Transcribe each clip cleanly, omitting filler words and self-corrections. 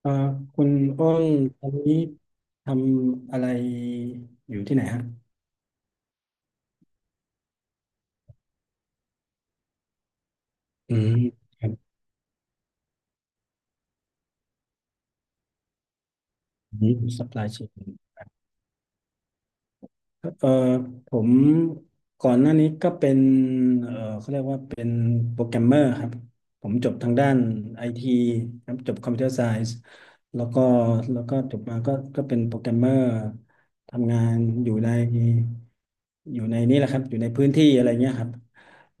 เอ่อคุณอ้นตอนนี้ทำอะไรอยู่ที่ไหนฮะอืมครับอืม supply chain เอ่อผมก่อนหน้านี้ก็เป็นเอ่อเขาเรียกว่าเป็นโปรแกรมเมอร์ครับผมจบทางด้านไอทีครับจบคอมพิวเตอร์ไซส์แล้วก็จบมาก็เป็นโปรแกรมเมอร์ทำงานอยู่ในนี่แหละครับอยู่ในพื้นที่อะไรเงี้ยครับ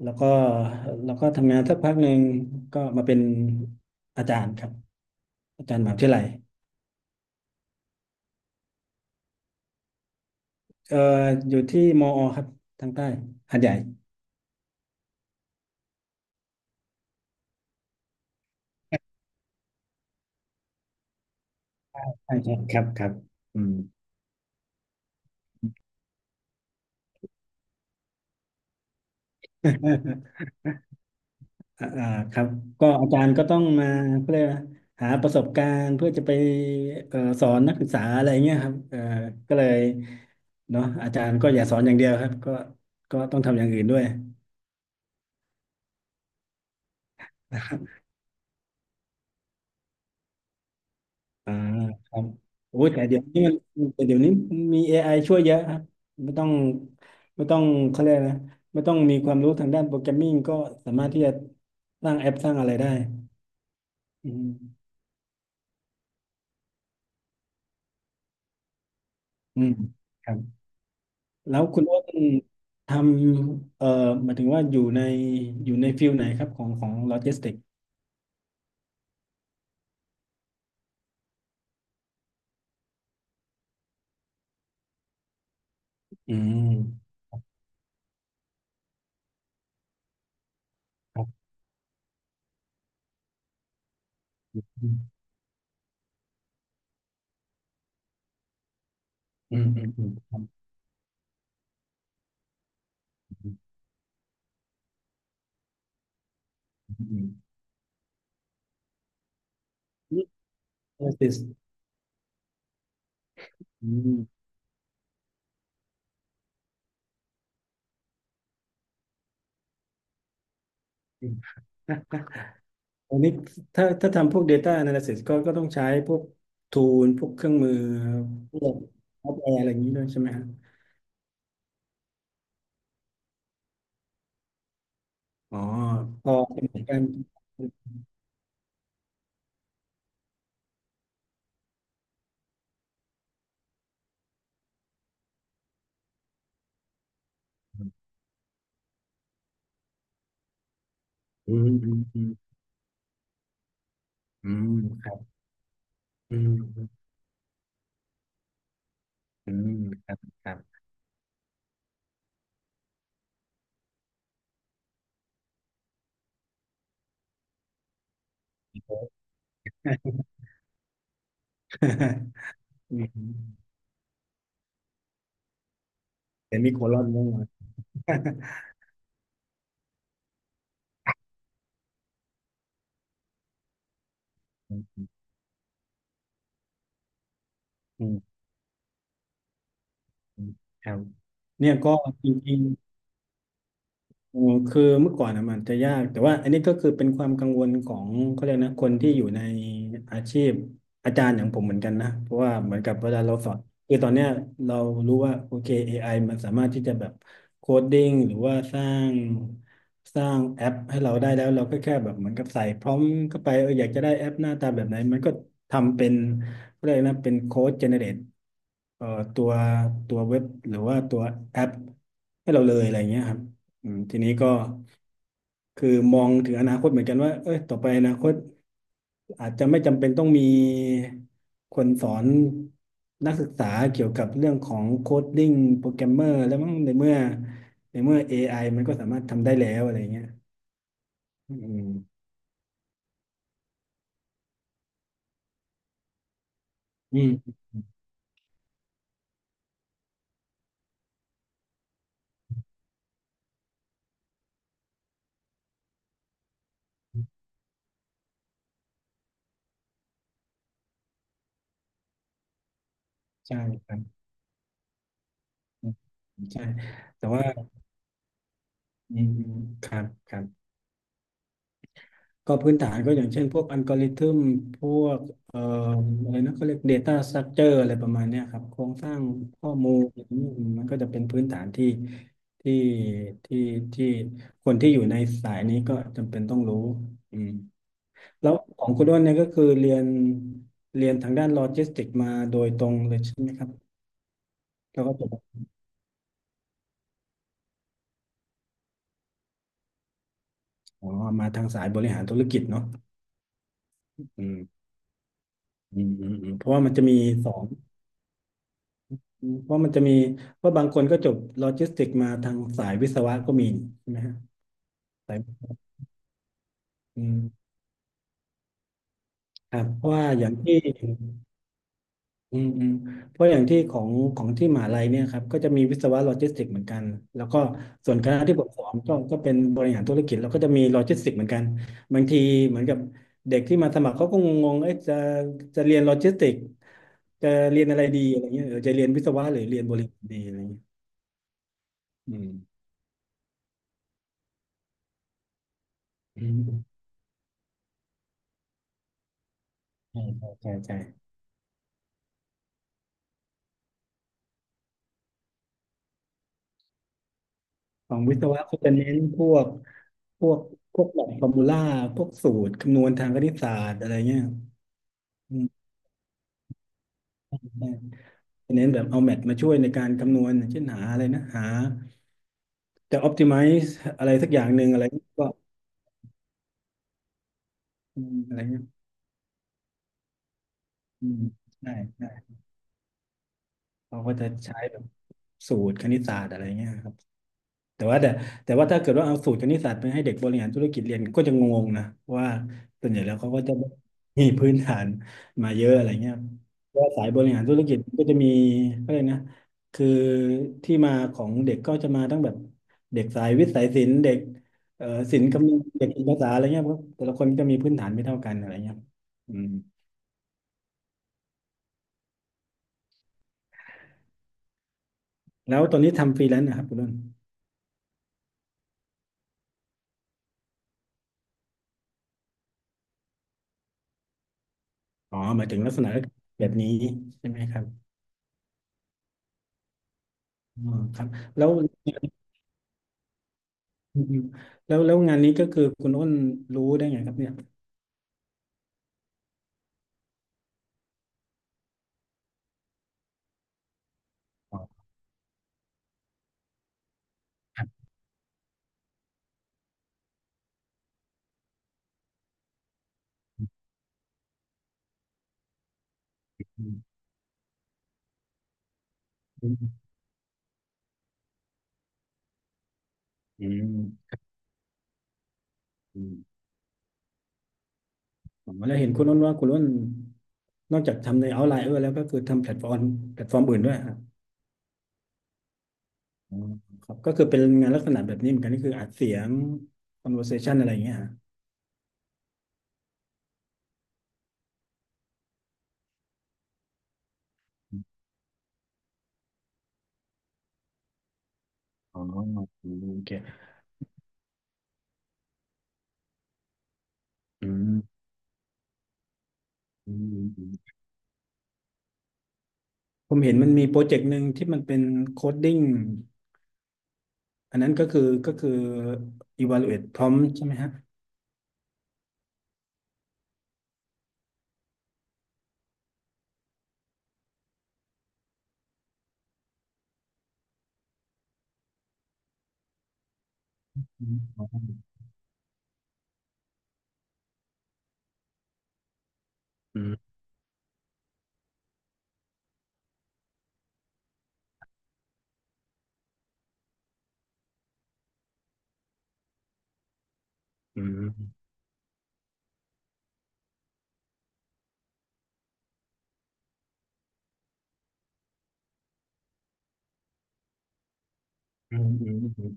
แล้วก็ทำงานสักพักหนึ่งก็มาเป็นอาจารย์ครับอาจารย์มหาวิทยาลัยเอ่ออยู่ที่มอครับทางใต้หาดใหญ่ ใช่ใช่ครับครับอืม อ่าอ่าครับก็อาจารย์ก็ต้องมาเพื่อหาประสบการณ์เพื่อจะไปสอนนักศึกษาอะไรเงี้ยครับก็เลยเนาะอาจารย์ก็อย่าสอนอย่างเดียวครับก็ต้องทำอย่างอื่นด้วยนะครับอ่าครับโอ้ยแต่เดี๋ยวนี้มันแต่เดี๋ยวนี้มี AI ช่วยเยอะครับไม่ต้องไม่ต้องเขาเรียกนะไม่ต้องมีความรู้ทางด้านโปรแกรมมิ่งก็สามารถที่จะสร้างแอปสร้างอะไรได้อืม อืมครับแล้วคุณอ้วนทำหมายถึงว่าอยู่ในฟิลไหนครับของโลจิสติกอืมครับอืมอืมอืมอืมครับอืมอืม analysis อืมอืมอันนี้ถ้าทำพวก Data Analysis ก็ต้องใช้พวก Tool พวกเครื่องมือพวกซอฟต์แวร์อะไรอย่างนี้ด้วยใช่ไหมครับอ๋อพอเป็นเหมือนกันอืมอืมอืมอืมครับอืมอืมครับครับ อืมแต่มีโคลอนบ้าง อืมอืมครับเนี่ยก็จริง อ๋อคือเมื่อก่อนอะมันจะยากแต่ว่าอันนี้ก็คือเป็นความกังวลของเขาเรียกนะคนที่อยู่ในอาชีพอาจารย์อย่างผมเหมือนกันนะเพราะว่าเหมือนกับเวลาเราสอนคือตอนเนี้ยเรารู้ว่าโอเค AI มันสามารถที่จะแบบโคดดิ้งหรือว่าสร้างสร้างแอปให้เราได้แล้วเราก็แค่แบบเหมือนกับใส่พร้อมเข้าไปเอออยากจะได้แอปหน้าตาแบบไหนมันก็ทำเป็นเขาเรียกนะเป็นโค้ดเจเนเรตเอ่อตัวเว็บหรือว่าตัวแอปให้เราเลยอะไรเงี้ยครับ อืมทีนี้ก็คือมองถึงอนาคตเหมือนกันว่าเอ้ยต่อไปอนาคตอาจจะไม่จำเป็นต้องมีคนสอนนักศึกษาเกี่ยวกับเรื่องของโคดดิ้งโปรแกรมเมอร์แล้วมั้งในเมื่อในเมื่อ AI มันก็สามารถทำได้แล้วอะไรเงี้ยอืมอืมใช่ครับอืมใช่แต่ว่าอืมครับครับ ก็พื้นฐานก็อย่างเช่นพวกอัลกอริทึมพวกเอ่ออะไรนะเขาเรียก Data Structure อะไรประมาณเนี้ยครับโครงสร้างข้อมูลอืมมันก็จะเป็นพื้นฐานที่ที่ที่ที่คนที่อยู่ในสายนี้ก็จำเป็นต้องรู้อืมแล้วของคุณด้วนเนี่ยก็คือเรียนเรียนทางด้านโลจิสติกมาโดยตรงเลยใช่ไหมครับแล้วก็จบอ๋อมาทางสายบริหารธุรกิจเนาะอืมอืมอืมอืมเพราะว่ามันจะมีสอง อืมเพราะมันจะมีว่าะบางคนก็จบโลจิสติกมาทางสายวิศวะก็มีใช่ไหมฮะสายอืมครับเพราะว่าอย่างที่อืมอืมเพราะอย่างที่ของที่มหาลัยเนี่ยครับก็จะมีวิศวะโลจิสติกเหมือนกันแล้วก็ส่วนคณะที่ผมสอนก็เป็นบริหารธุรกิจแล้วก็จะมีโลจิสติกเหมือนกันบางทีเหมือนกับเด็กที่มาสมัครเขาก็งงๆเอ๊ะจะเรียนโลจิสติกจะเรียนอะไรดีอะไรเงี้ยเออจะเรียนวิศวะหรือเรียนบริหารดีอะไรเงี้ยอืมอืมใช่ใช่ใช่ใช่ ของวิศวะก็จะเน้นพวกพวกพวกหลักฟอร์มูล่าพวกสูตรคำนวณทางคณิตศาสตร์อะไรเงี้ยอืมใช่จะเน้นแบบเอาแมทมาช่วยในการคำนวณเช่นหาอะไรนะหาจะ optimize อะไรสักอย่างหนึ่งอะไรก็อืมอะไรเงี้ยอืมใช่ใช่เขาก็จะใช้แบบสูตรคณิตศาสตร์อะไรเงี้ยครับ แต่ว่าแต่แต่ว่าถ้าเกิดว่าเอาสูตรคณิตศาสตร์ไปให้เด็กบริหารธุรกิจเรียนก็จะงงนะว่าส่วนใหญ่แล้วเขาก็จะมีพื้นฐานมาเยอะอะไรเงี้ยว่าสายบริหารธุรกิจก็จะมีก็เลยกนะคือที่มาของเด็กก็จะมาตั้งแบบเด็กสายวิทย์สายศิลป์เด็กเอ่อศิลป์คำนวณเด็กภาษาอะไรเงี้ยเพราะแต่ละคนก็มีพื้นฐานไม่เท่ากันอะไรเงี้ยอืมแล้วตอนนี้ทำฟรีแลนซ์นะครับคุณนุนอ๋อหมายถึงลักษณะแบบนี้ใช่ไหมครับอ๋อครับแล้ว อืมแล้วงานนี้ก็คือคุณอ้นรู้ได้ไงครับเนี่ยอ๋อครับอืมอืมอืมอืม๋อแล้วเห็นคุณอ้นว่าคุณอ้นนอกจากทำในเอาไลน์แล้วก็คือทำแพลตฟอร์มแพลตฟอร์มอื่นด้วยครับอ๋อครับก็คือเป็นงานลักษณะแบบนี้เหมือนกันนี่คืออัดเสียง conversation อะไรอย่างเงี้ยฮะอ๋ออืมโอเคอืมอืมผมเห็นมันมีโปรเจกต์หนึ่งที่มันเป็นโคดดิ้งอันนั้นก็คือ evaluate prompt ใช่ไหมฮะอืม อืมอืมอืมอืม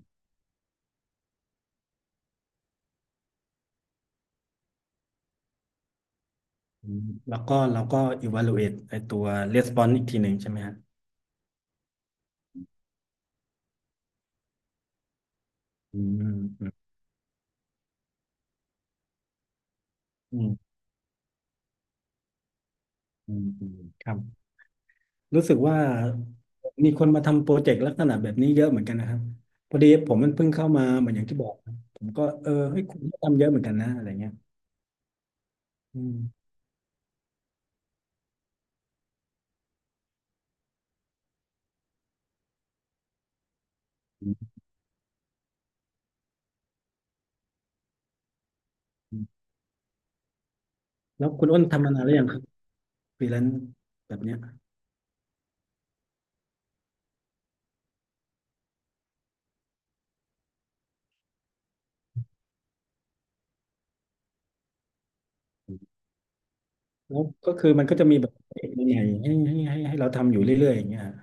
อืมแล้วก็เราก็ evaluate ไอตัว response อีกทีหนึ่งใช่ไหมฮะอืมอืมอืมอืมครับรู้สึกว่ามีคนมาทำโปรเจกต์ลักษณะแบบนี้เยอะเหมือนกันนะครับพอดีผมมันเพิ่งเข้ามาเหมือนอย่างที่บอกนะผมก็เออเฮ้ยคุณก็ทำเยอะเหมือนกันนะอะไรเงี้ยอืมอืมอืมแล้วคุณอ้นทำมานานหรือยังครับฟรีแลนซ์แบบเนี้ยแล้วก็คือมันก็จะมีแบบเจกใหม่ๆให้เราทำอยู่เรื่อยๆอย่างเงี้ยฮะ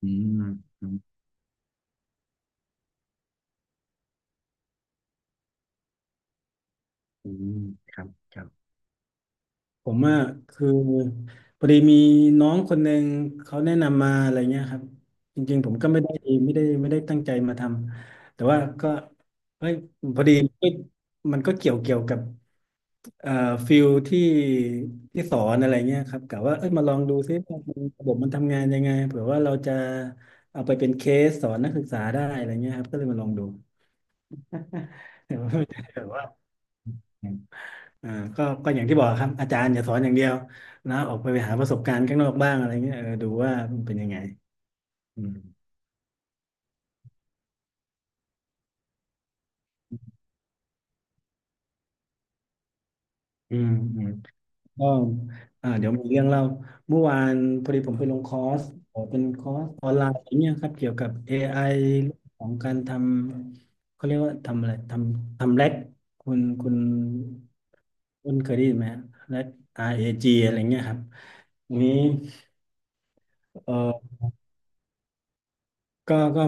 อืมอืมอืมครับครับ ผมอ่ะคือพอดีมีน้องคนหนึ่งเขาแนะนำมาอะไรเงี้ยครับจริงๆผมก็ไม่ได้ไม่ได้ตั้งใจมาทำแต่ว่าก็เฮ้ยพอดีมันก็เกี่ยวกับเอ่อฟิลที่สอนอะไรเงี้ยครับกะว่าเอ้ยมาลองดูซิว่ามันระบบมันทำงานยังไงเผื่อว่าเราจะเอาไปเป็นเคสสอนนักศึกษาได้อะไรเงี้ยครับก็เลยมาลองดู แต่ว่าไม่ได้แบบว่า อ่าก็ก็อย่างที่บอกครับอาจารย์อย่าสอนอย่างเดียวนะออกไปหาประสบการณ์ข้างนอกบ้างอะไรเงี้ยเออดูว่ามันเป็นยังไงอืมอืมอืมก็อ่าเดี๋ยวมีเรื่องเล่าเมื่อวานพอดีผมไปลงคอร์สเป็นคอร์สออนไลน์เนี่ยครับเกี่ยวกับ AI เรื่องของการทำเขาเรียกว่าทำอะไรทำแร็กคุณคุณคุณเคยได้ยินไหมฮะแร็ก RAG อจีอะไรเงี้ยครับทีนนี้เอ่อ ก็ก็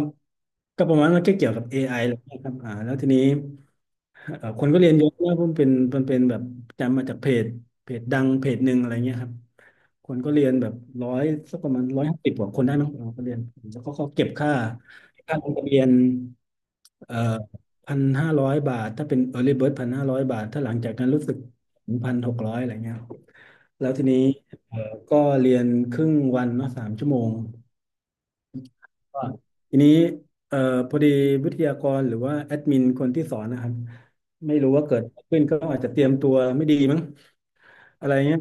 ก็ประมาณมันก็เกี่ยวกับ AI แหละครับอ่าแล้วทีนี้คนก็เรียนเยอะนะเพราะมันเป็นแบบจำมาจากเพจเพจดังเพจหนึ่งอะไรเงี้ยครับคนก็เรียนแบบร้อยสักประมาณ150กว่าคนได้มั้งเราก็เรียนแล้วเขาก็เก็บค่าค่าลงทะเบียนเอ่อพันห้าร้อยบาทถ้าเป็น Early Bird พันห้าร้อยบาทถ้าหลังจากนั้นรู้สึก1,600อะไรเงี้ยแล้วทีนี้เอ่อก็เรียนครึ่งวันเนาะ3 ชั่วโมง ก็ทีนี้เอ่อพอดีวิทยากรหรือว่าแอดมินคนที่สอนนะครับไม่รู้ว่าเกิดอะไรขึ้นก็อาจจะเตรียมตัวไม่ดีมั้ง อะไรเงี้ย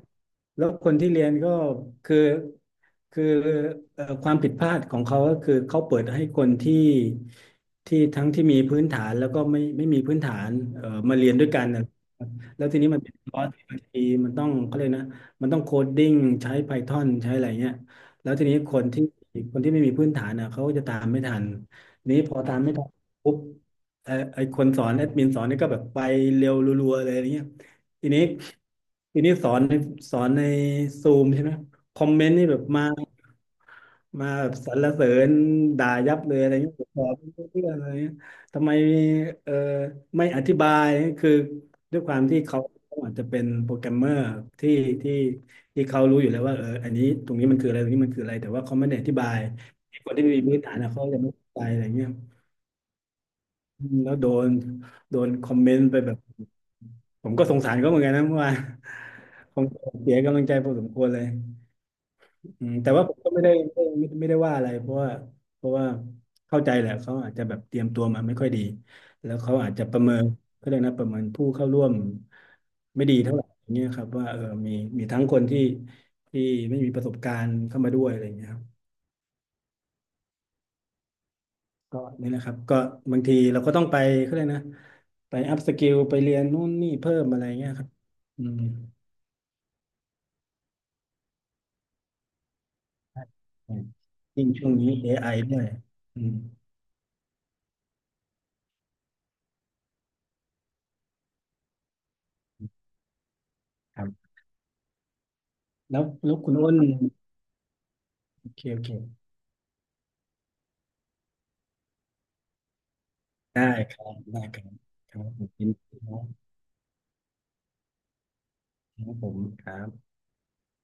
แล้วคนที่เรียนก็คือคือความผิดพลาดของเขาก็คือเขาเปิดให้คนที่ที่ทั้งที่มีพื้นฐานแล้วก็ไม่มีพื้นฐานมาเรียนด้วยกันนะแล้วทีนี้มันเป็นคอร์สที่บางทีมันต้องเขาเลยกนะมันต้องโคดดิ้งใช้ Python ใช้อะไรเงี้ยแล้วทีนี้คนที่ไม่มีพื้นฐานอ่ะเขาก็จะตามไม่ทันนี้พอตามไม่ทันปุ๊บไอคนสอนแอดมินสอนนี่ก็แบบไปเร็วรัวๆเลยอะไรเงี้ย ทีนี้ทีนี้สอนในซูมใช่ไหมคอมเมนต์นี่แบบมามาแบบสรรเสริญด่ายับเลยอะไรเงี้ยผมบอกไม่รู้เรื่องอะไรเงี้ยทำไมเออไม่อธิบายคือด้วยความที่เขาอาจจะเป็นโปรแกรมเมอร์ที่ที่ที่เขารู้อยู่แล้วว่าเอออันนี้ตรงนี้มันคืออะไรตรงนี้มันคืออะไรแต่ว่าเขาไม่ได้อธิบายคนที่ไมมีพื้นฐานนะเขาจะไม่เข้าใจอะไรเงี้ย แล้วโดนคอมเมนต์ไปแบบผมก็สงสารเขาเหมือนกันนะเมื่อวาน ผมเสียกำลังใจพอสมควรเลยอืมแต่ว่าผมก็ไม่ได้ไม่ได้ว่าอะไรเพราะว่าเข้าใจแหละเขาอาจจะแบบเตรียมตัวมาไม่ค่อยดีแล้วเขาอาจจะประเมินเขาเรียกนะประเมินผู้เข้าร่วมไม่ดีเท่าไหร่อย่างเงี้ยครับว่าเออมีมีทั้งคนที่ไม่มีประสบการณ์เข้ามาด้วยอะไรอย่างเงี้ย ก็นี่แหละครับก็บางทีเราก็ต้องไปเขาเลยกนะไปอัพสกิลไปเรียนนู่นนี่เพิ่มอะไรเงี้ยครับอืมยิ่งช่วงนี้ AI ด้วยอืมครับแล้วคุณอ้นโอเคโอเคได้ครับได้ครับครับนคณครับครับผมครับ